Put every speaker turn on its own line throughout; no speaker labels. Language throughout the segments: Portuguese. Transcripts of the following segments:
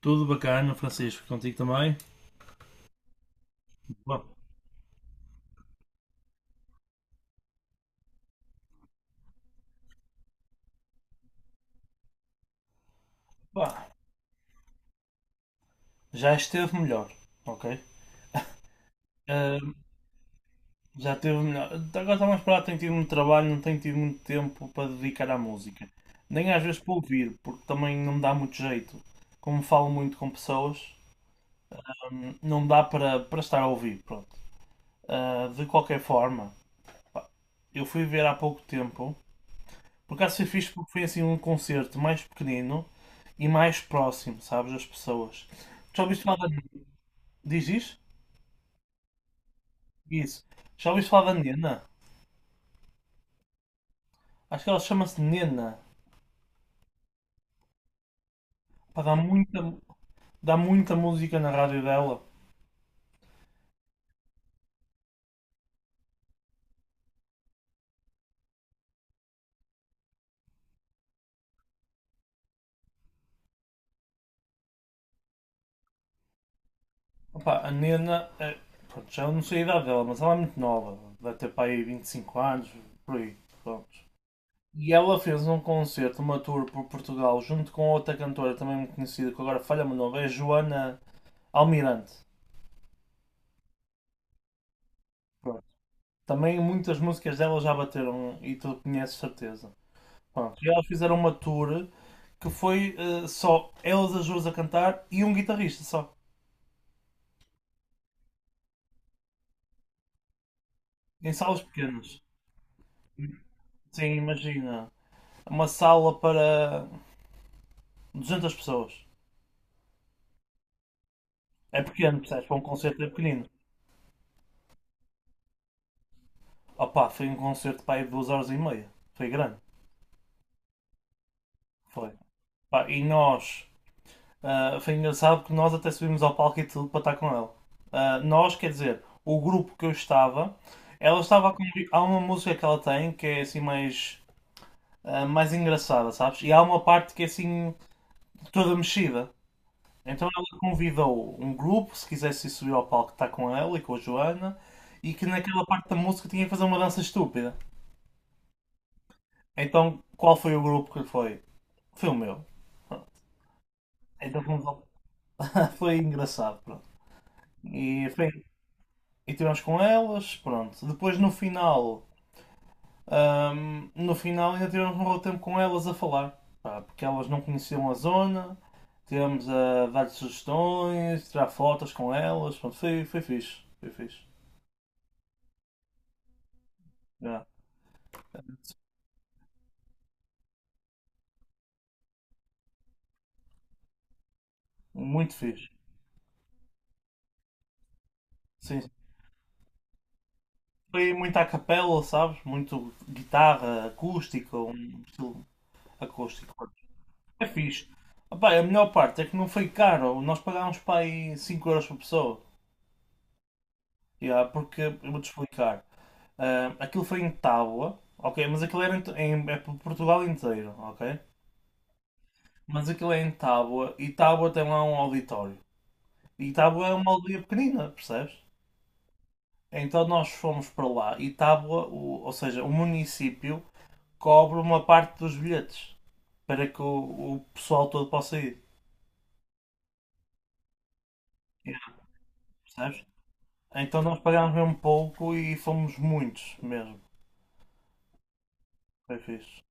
Tudo bacana, Francisco, contigo também. Bom, pá, Já esteve melhor, ok? Ahm, Já esteve melhor. Agora está mais parado, tenho tido muito trabalho, não tenho tido muito tempo para dedicar à música. Nem às vezes para ouvir, porque também não me dá muito jeito. Como falo muito com pessoas, não dá para estar a ouvir, pronto. Ah, de qualquer forma, eu fui ver há pouco tempo, por acaso foi fixe porque foi assim um concerto mais pequenino e mais próximo, sabes, das pessoas. Já ouviste falar da... Diz? Isso. Já ouviste falar da Nena? Acho que ela chama-se Nena. Pá, dá muita música na rádio dela. Opa, a Nena, é, pronto, já não sei a idade dela, mas ela é muito nova. Deve ter para aí 25 anos, por aí. Pronto. E ela fez um concerto, uma tour por Portugal, junto com outra cantora também muito conhecida, que agora falha-me o nome, é Joana Almirante. Pronto. Também muitas músicas dela já bateram e tu conheces certeza. Pá. E elas fizeram uma tour que foi só elas as duas a cantar e um guitarrista só. Em salas pequenas. Sim, imagina. Uma sala para 200 pessoas. É pequeno, percebes? Para um concerto é pequenino. Opa, foi um concerto para aí de duas horas e meia. Foi grande. Foi. Pá, e nós. Foi engraçado que nós até subimos ao palco e tudo para estar com ela. Ah, nós, quer dizer, o grupo que eu estava. Ela estava a convi- Há uma música que ela tem que é assim mais mais engraçada, sabes? E há uma parte que é assim, toda mexida. Então ela convidou um grupo, se quisesse ir subir ao palco, está com ela e com a Joana, e que naquela parte da música tinha que fazer uma dança estúpida. Então qual foi o grupo que foi? Foi o meu. Então fomos ao- Foi engraçado, pronto. E, foi- e tivemos com elas, pronto. Depois no final No final ainda tivemos um bom tempo com elas a falar, pá, porque elas não conheciam a zona, tivemos a dar sugestões, tirar fotos com elas, pronto, foi fixe, foi fixe. Já. Muito fixe. Sim. Foi muito à capela, sabes? Muito guitarra acústica, um estilo acústico. Pronto. É fixe. Opá, a melhor parte é que não foi caro. Nós pagámos para aí 5€ por pessoa. Yeah, porque eu vou-te explicar. Ah, aquilo foi em Tábua, ok? Mas aquilo era é por Portugal inteiro, ok? Mas aquilo é em Tábua e Tábua tem lá um auditório. E Tábua é uma aldeia pequenina, percebes? Então nós fomos para lá e Tábua, o- Ou seja, o município cobre uma parte dos bilhetes para que o pessoal todo possa ir, yeah, percebes? Então nós pagámos mesmo pouco e fomos muitos mesmo. Foi fixe.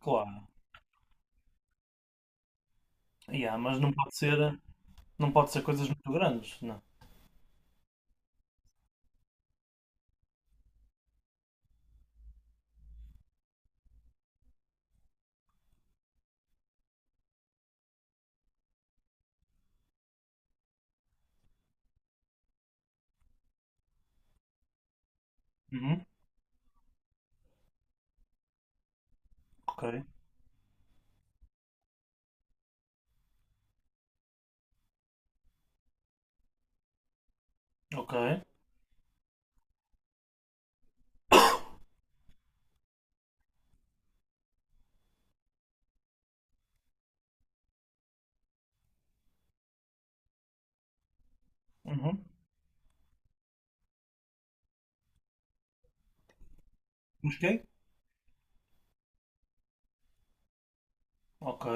Claro. Yeah, mas não pode ser coisas muito grandes, não. Uhum. Ok. Ok. Uhum. Busquei? Ok.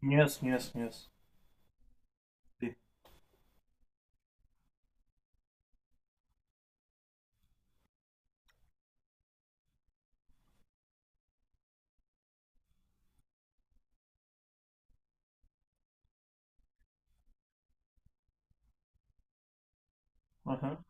Conheço. Sim. Aham.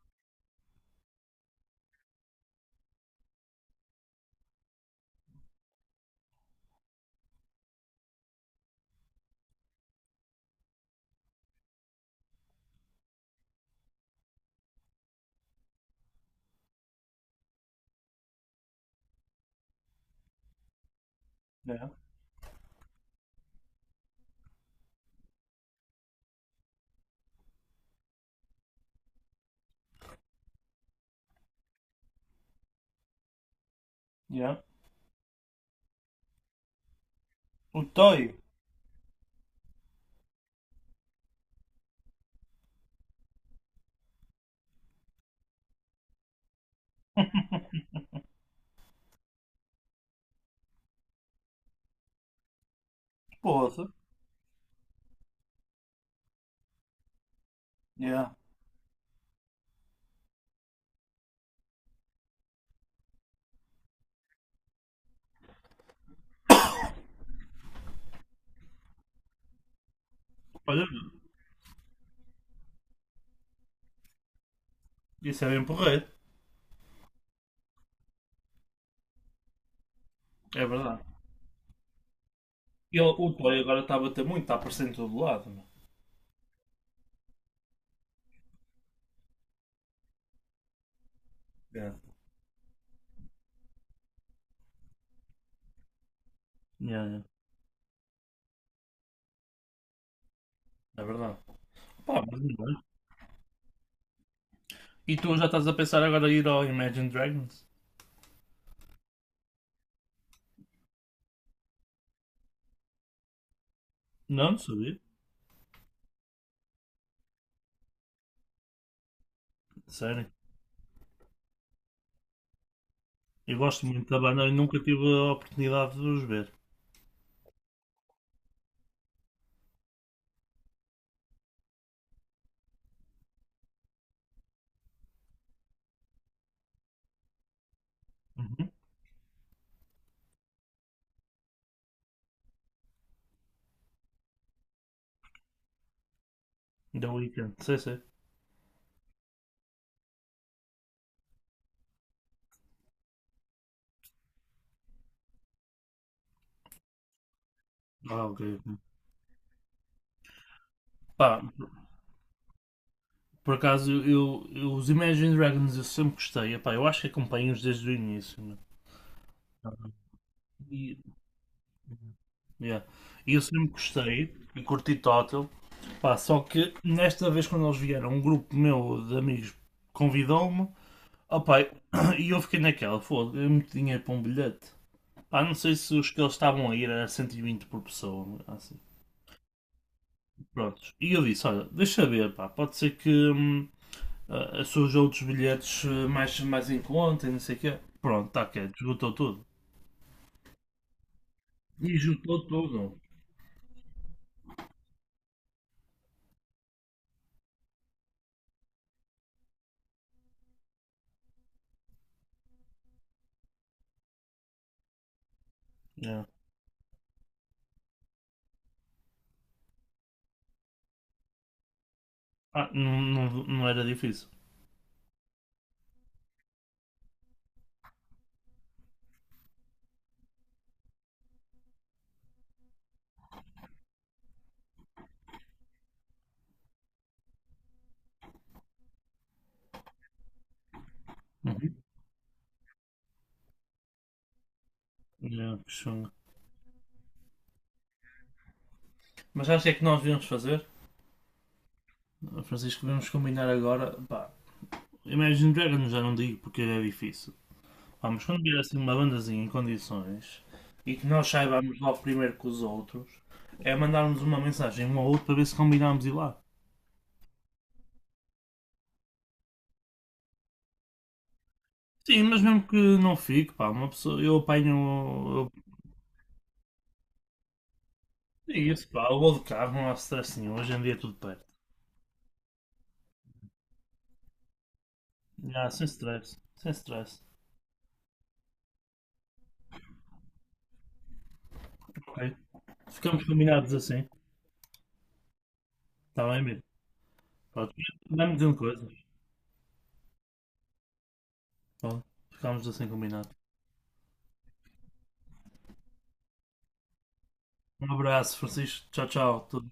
Yeah. Yeah. O Toy. Porra. Yeah. Olha, isso é bem porreiro. É verdade. O Toy agora está a bater muito, está a aparecer em todo lado, meu. Yeah. Yeah, yeah. É verdade. Pá, mas não é. E tu já estás a pensar agora em ir ao Imagine Dragons? Não, não sabia. Sério. Eu gosto muito da banda e nunca tive a oportunidade de os ver. Uhum. Da Weekend. Sei, sei. Ah, ok. Ok. Pá, por acaso, os Imagine Dragons eu sempre gostei. Epá, eu acho que acompanho-os desde o início, né? E, yeah. E eu sempre gostei e curti total. Pá, só que nesta vez, quando eles vieram, um grupo meu de amigos convidou-me. Opá, e eu fiquei naquela, foda, é muito dinheiro para um bilhete. Pá, não sei se os que eles estavam a ir era 120 por pessoa. Assim. Prontos. E eu disse, olha, deixa ver, pá, pode ser que, surge outros bilhetes mais em conta e não sei o quê. Pronto, tá que esgotou tudo. E esgotou tudo. Yeah. Ah, não era difícil. Uhum. Yeah, que chunga. Mas acho que é que nós devemos fazer, Francisco, devemos combinar agora. Pá, Imagine Dragons já não digo porque é difícil. Vamos, quando vier assim uma bandazinha em condições e que nós saibamos logo primeiro que os outros, é mandarmos uma mensagem um ao outro para ver se combinamos ir lá. Sim, mas mesmo que não fique, pá, uma pessoa, eu apanho, eu é isso, pá. Eu vou de carro, não há stress nenhum. Hoje em dia é tudo perto. Já, sem stress. Sem stress. Ok. Ficamos combinados assim. Está bem, amigo? Pá, tu vai-me dizendo coisas. Pá, ficamos assim combinados. Um abraço, Francisco. Tchau, tchau. Tudo